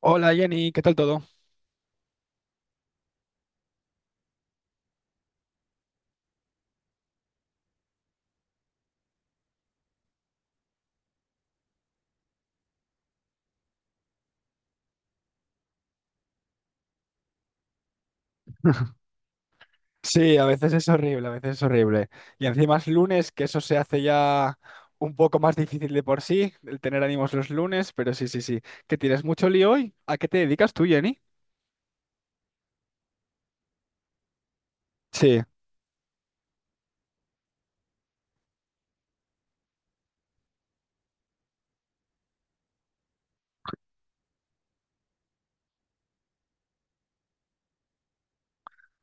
Hola Jenny, ¿qué tal todo? Sí, a veces es horrible, a veces es horrible. Y encima es lunes, que eso se hace ya un poco más difícil de por sí, el tener ánimos los lunes, pero sí, sí, sí. ¿Que tienes mucho lío hoy? ¿A qué te dedicas tú, Jenny? Sí,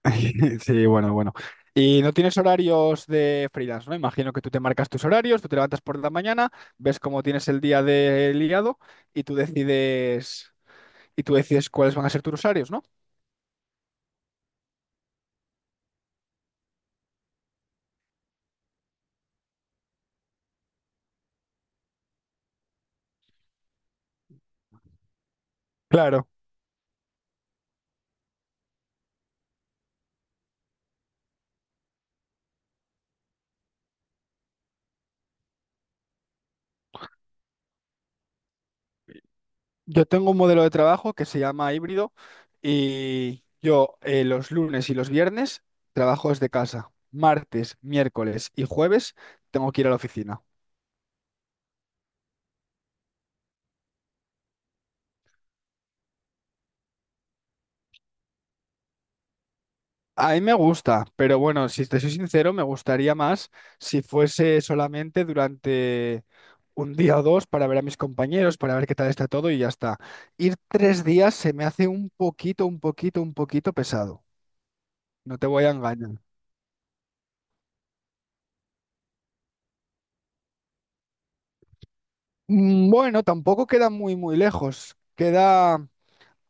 sí, bueno, bueno. Y no tienes horarios de freelance, ¿no? Imagino que tú te marcas tus horarios, tú te levantas por la mañana, ves cómo tienes el día de liado y tú decides, y tú decides cuáles van a ser tus horarios, ¿no? Claro. Yo tengo un modelo de trabajo que se llama híbrido y yo los lunes y los viernes trabajo desde casa. Martes, miércoles y jueves tengo que ir a la oficina. A mí me gusta, pero bueno, si te soy sincero, me gustaría más si fuese solamente durante un día o dos para ver a mis compañeros, para ver qué tal está todo y ya está. Ir tres días se me hace un poquito, un poquito, un poquito pesado. No te voy a engañar. Bueno, tampoco queda muy, muy lejos. Queda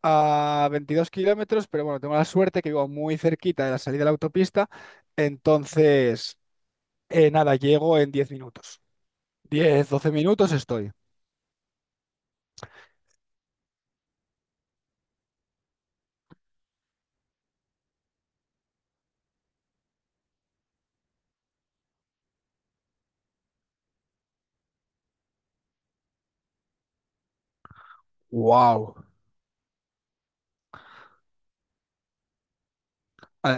a 22 kilómetros, pero bueno, tengo la suerte que vivo muy cerquita de la salida de la autopista, entonces, nada, llego en 10 minutos. 10, 12 minutos estoy. ¡Wow!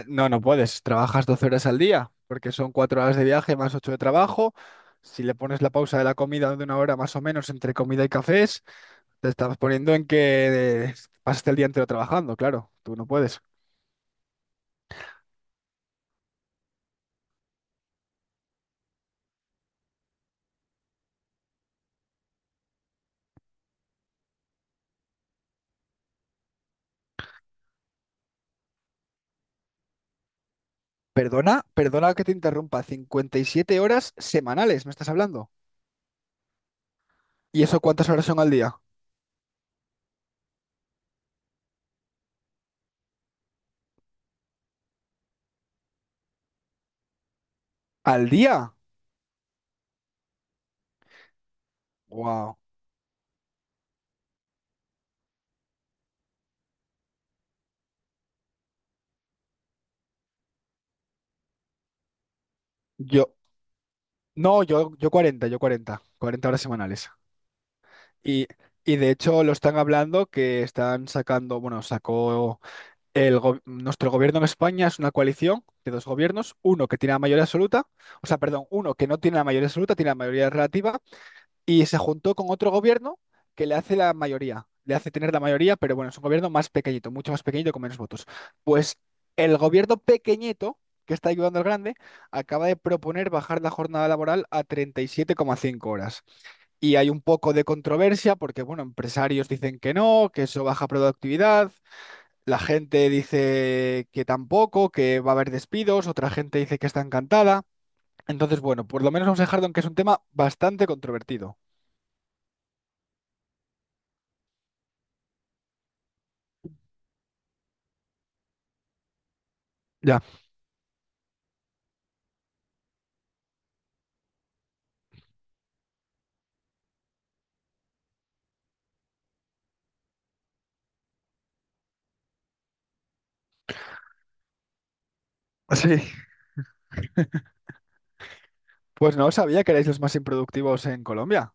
No, no puedes, trabajas 12 horas al día, porque son 4 horas de viaje más 8 de trabajo. Si le pones la pausa de la comida de 1 hora más o menos entre comida y cafés, te estás poniendo en que pasaste el día entero trabajando, claro, tú no puedes. Perdona, perdona que te interrumpa, 57 horas semanales, ¿me estás hablando? ¿Y eso cuántas horas son al día? ¿Al día? Wow. Yo, no, 40 horas semanales. Y, y de hecho lo están hablando que están sacando, bueno, sacó nuestro gobierno en España es una coalición de dos gobiernos, uno que tiene la mayoría absoluta, o sea, perdón, uno que no tiene la mayoría absoluta, tiene la mayoría relativa, y se juntó con otro gobierno que le hace la mayoría, le hace tener la mayoría, pero bueno, es un gobierno más pequeñito, mucho más pequeñito con menos votos. Pues el gobierno pequeñito, que está ayudando al grande, acaba de proponer bajar la jornada laboral a 37,5 horas. Y hay un poco de controversia porque, bueno, empresarios dicen que no, que eso baja productividad. La gente dice que tampoco, que va a haber despidos, otra gente dice que está encantada. Entonces, bueno, por lo menos vamos a dejarlo en que es un tema bastante controvertido. Ya. Sí, pues no sabía que erais los más improductivos en Colombia.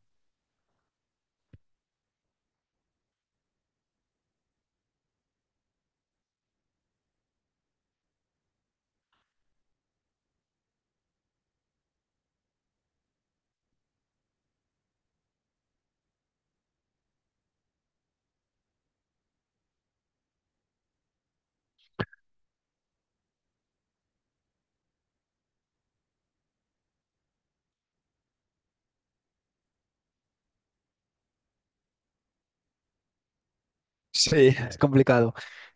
Sí. Es complicado.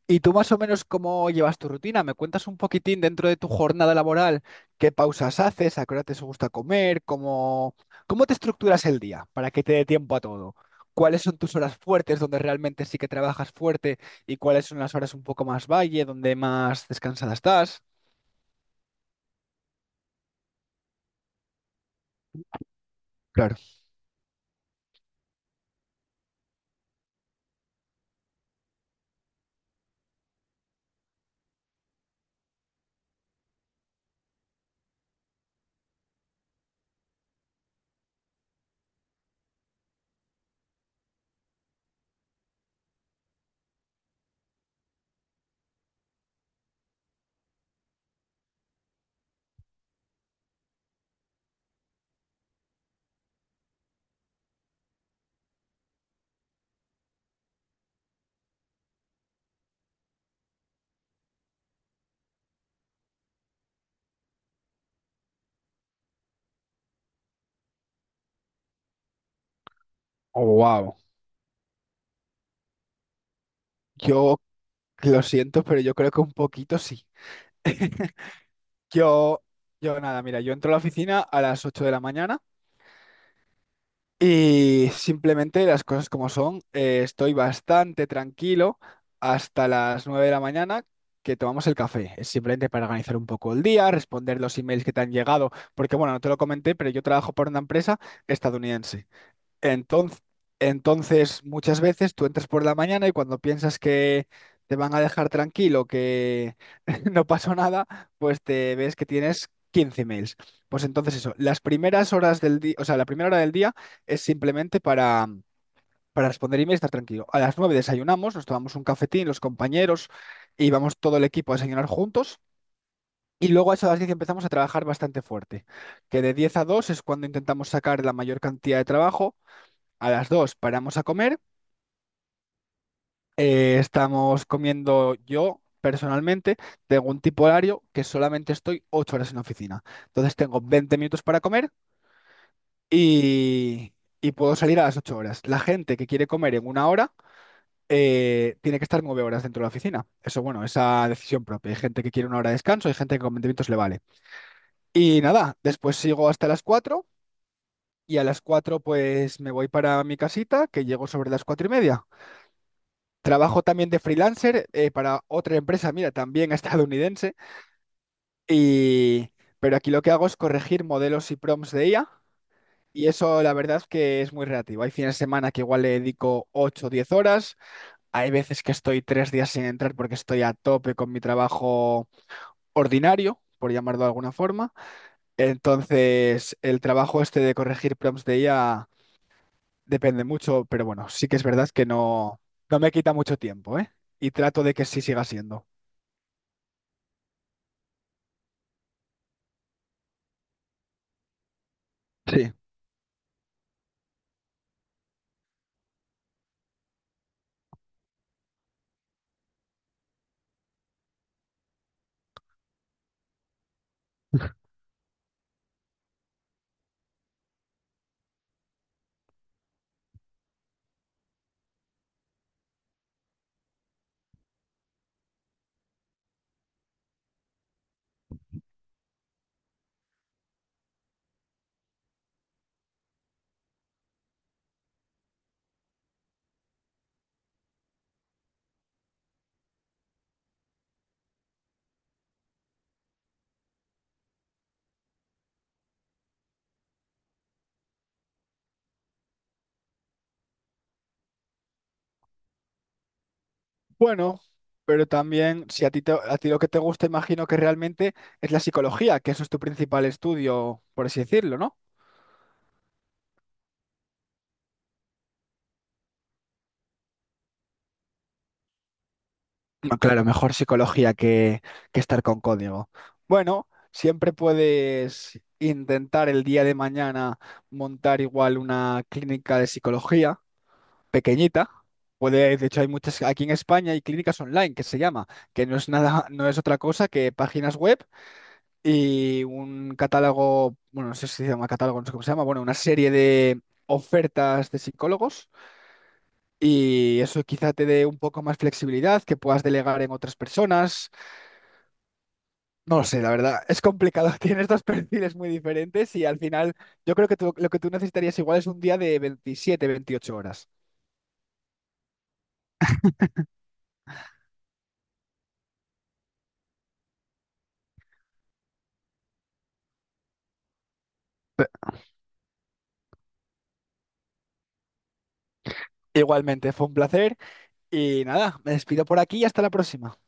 ¿Y tú más o menos cómo llevas tu rutina? ¿Me cuentas un poquitín dentro de tu jornada laboral? ¿Qué pausas haces? ¿A qué hora te gusta comer? ¿Cómo te estructuras el día para que te dé tiempo a todo? ¿Cuáles son tus horas fuertes donde realmente sí que trabajas fuerte y cuáles son las horas un poco más valle, donde más descansada estás? Claro. Oh, wow. Yo lo siento, pero yo creo que un poquito sí. Yo, yo nada, mira, yo entro a la oficina a las 8 de la mañana y simplemente las cosas como son, estoy bastante tranquilo hasta las 9 de la mañana que tomamos el café. Es simplemente para organizar un poco el día, responder los emails que te han llegado, porque bueno, no te lo comenté, pero yo trabajo para una empresa estadounidense. Entonces, entonces, muchas veces tú entras por la mañana y cuando piensas que te van a dejar tranquilo, que no pasó nada, pues te ves que tienes 15 mails. Pues entonces eso, las primeras horas del día, o sea, la primera hora del día es simplemente para, responder emails y estar tranquilo. A las 9 desayunamos, nos tomamos un cafetín, los compañeros, y vamos todo el equipo a desayunar juntos. Y luego a eso a las 10 empezamos a trabajar bastante fuerte, que de 10 a 2 es cuando intentamos sacar la mayor cantidad de trabajo. A las 2 paramos a comer, estamos comiendo yo personalmente, tengo un tipo horario que solamente estoy 8 horas en la oficina. Entonces tengo 20 minutos para comer y, y puedo salir a las 8 horas. La gente que quiere comer en 1 hora tiene que estar 9 horas dentro de la oficina. Eso, bueno, esa decisión propia. Hay gente que quiere 1 hora de descanso, hay gente que con 20 minutos le vale. Y nada, después sigo hasta las 4. Y a las 4 pues me voy para mi casita, que llego sobre las 4 y media. Trabajo también de freelancer para otra empresa, mira, también estadounidense, y... pero aquí lo que hago es corregir modelos y prompts de IA, y eso la verdad es que es muy relativo. Hay fines de semana que igual le dedico 8 o 10 horas, hay veces que estoy 3 días sin entrar porque estoy a tope con mi trabajo ordinario, por llamarlo de alguna forma. Entonces, el trabajo este de corregir prompts de IA depende mucho, pero bueno, sí que es verdad que no, no me quita mucho tiempo, ¿eh? Y trato de que sí siga siendo. Sí. Bueno, pero también si a ti, a ti lo que te gusta, imagino que realmente es la psicología, que eso es tu principal estudio, por así decirlo, ¿no? No, claro, mejor psicología que estar con código. Bueno, siempre puedes intentar el día de mañana montar igual una clínica de psicología pequeñita. Puede, de hecho, hay muchas, aquí en España hay clínicas online que se llama, que no es nada, no es otra cosa que páginas web y un catálogo, bueno, no sé si se llama catálogo, no sé cómo se llama, bueno, una serie de ofertas de psicólogos y eso quizá te dé un poco más flexibilidad, que puedas delegar en otras personas. No lo sé, la verdad, es complicado, tienes dos perfiles muy diferentes y al final yo creo que lo que tú necesitarías igual es un día de 27, 28 horas. Pe- Igualmente, fue un placer y nada, me despido por aquí y hasta la próxima.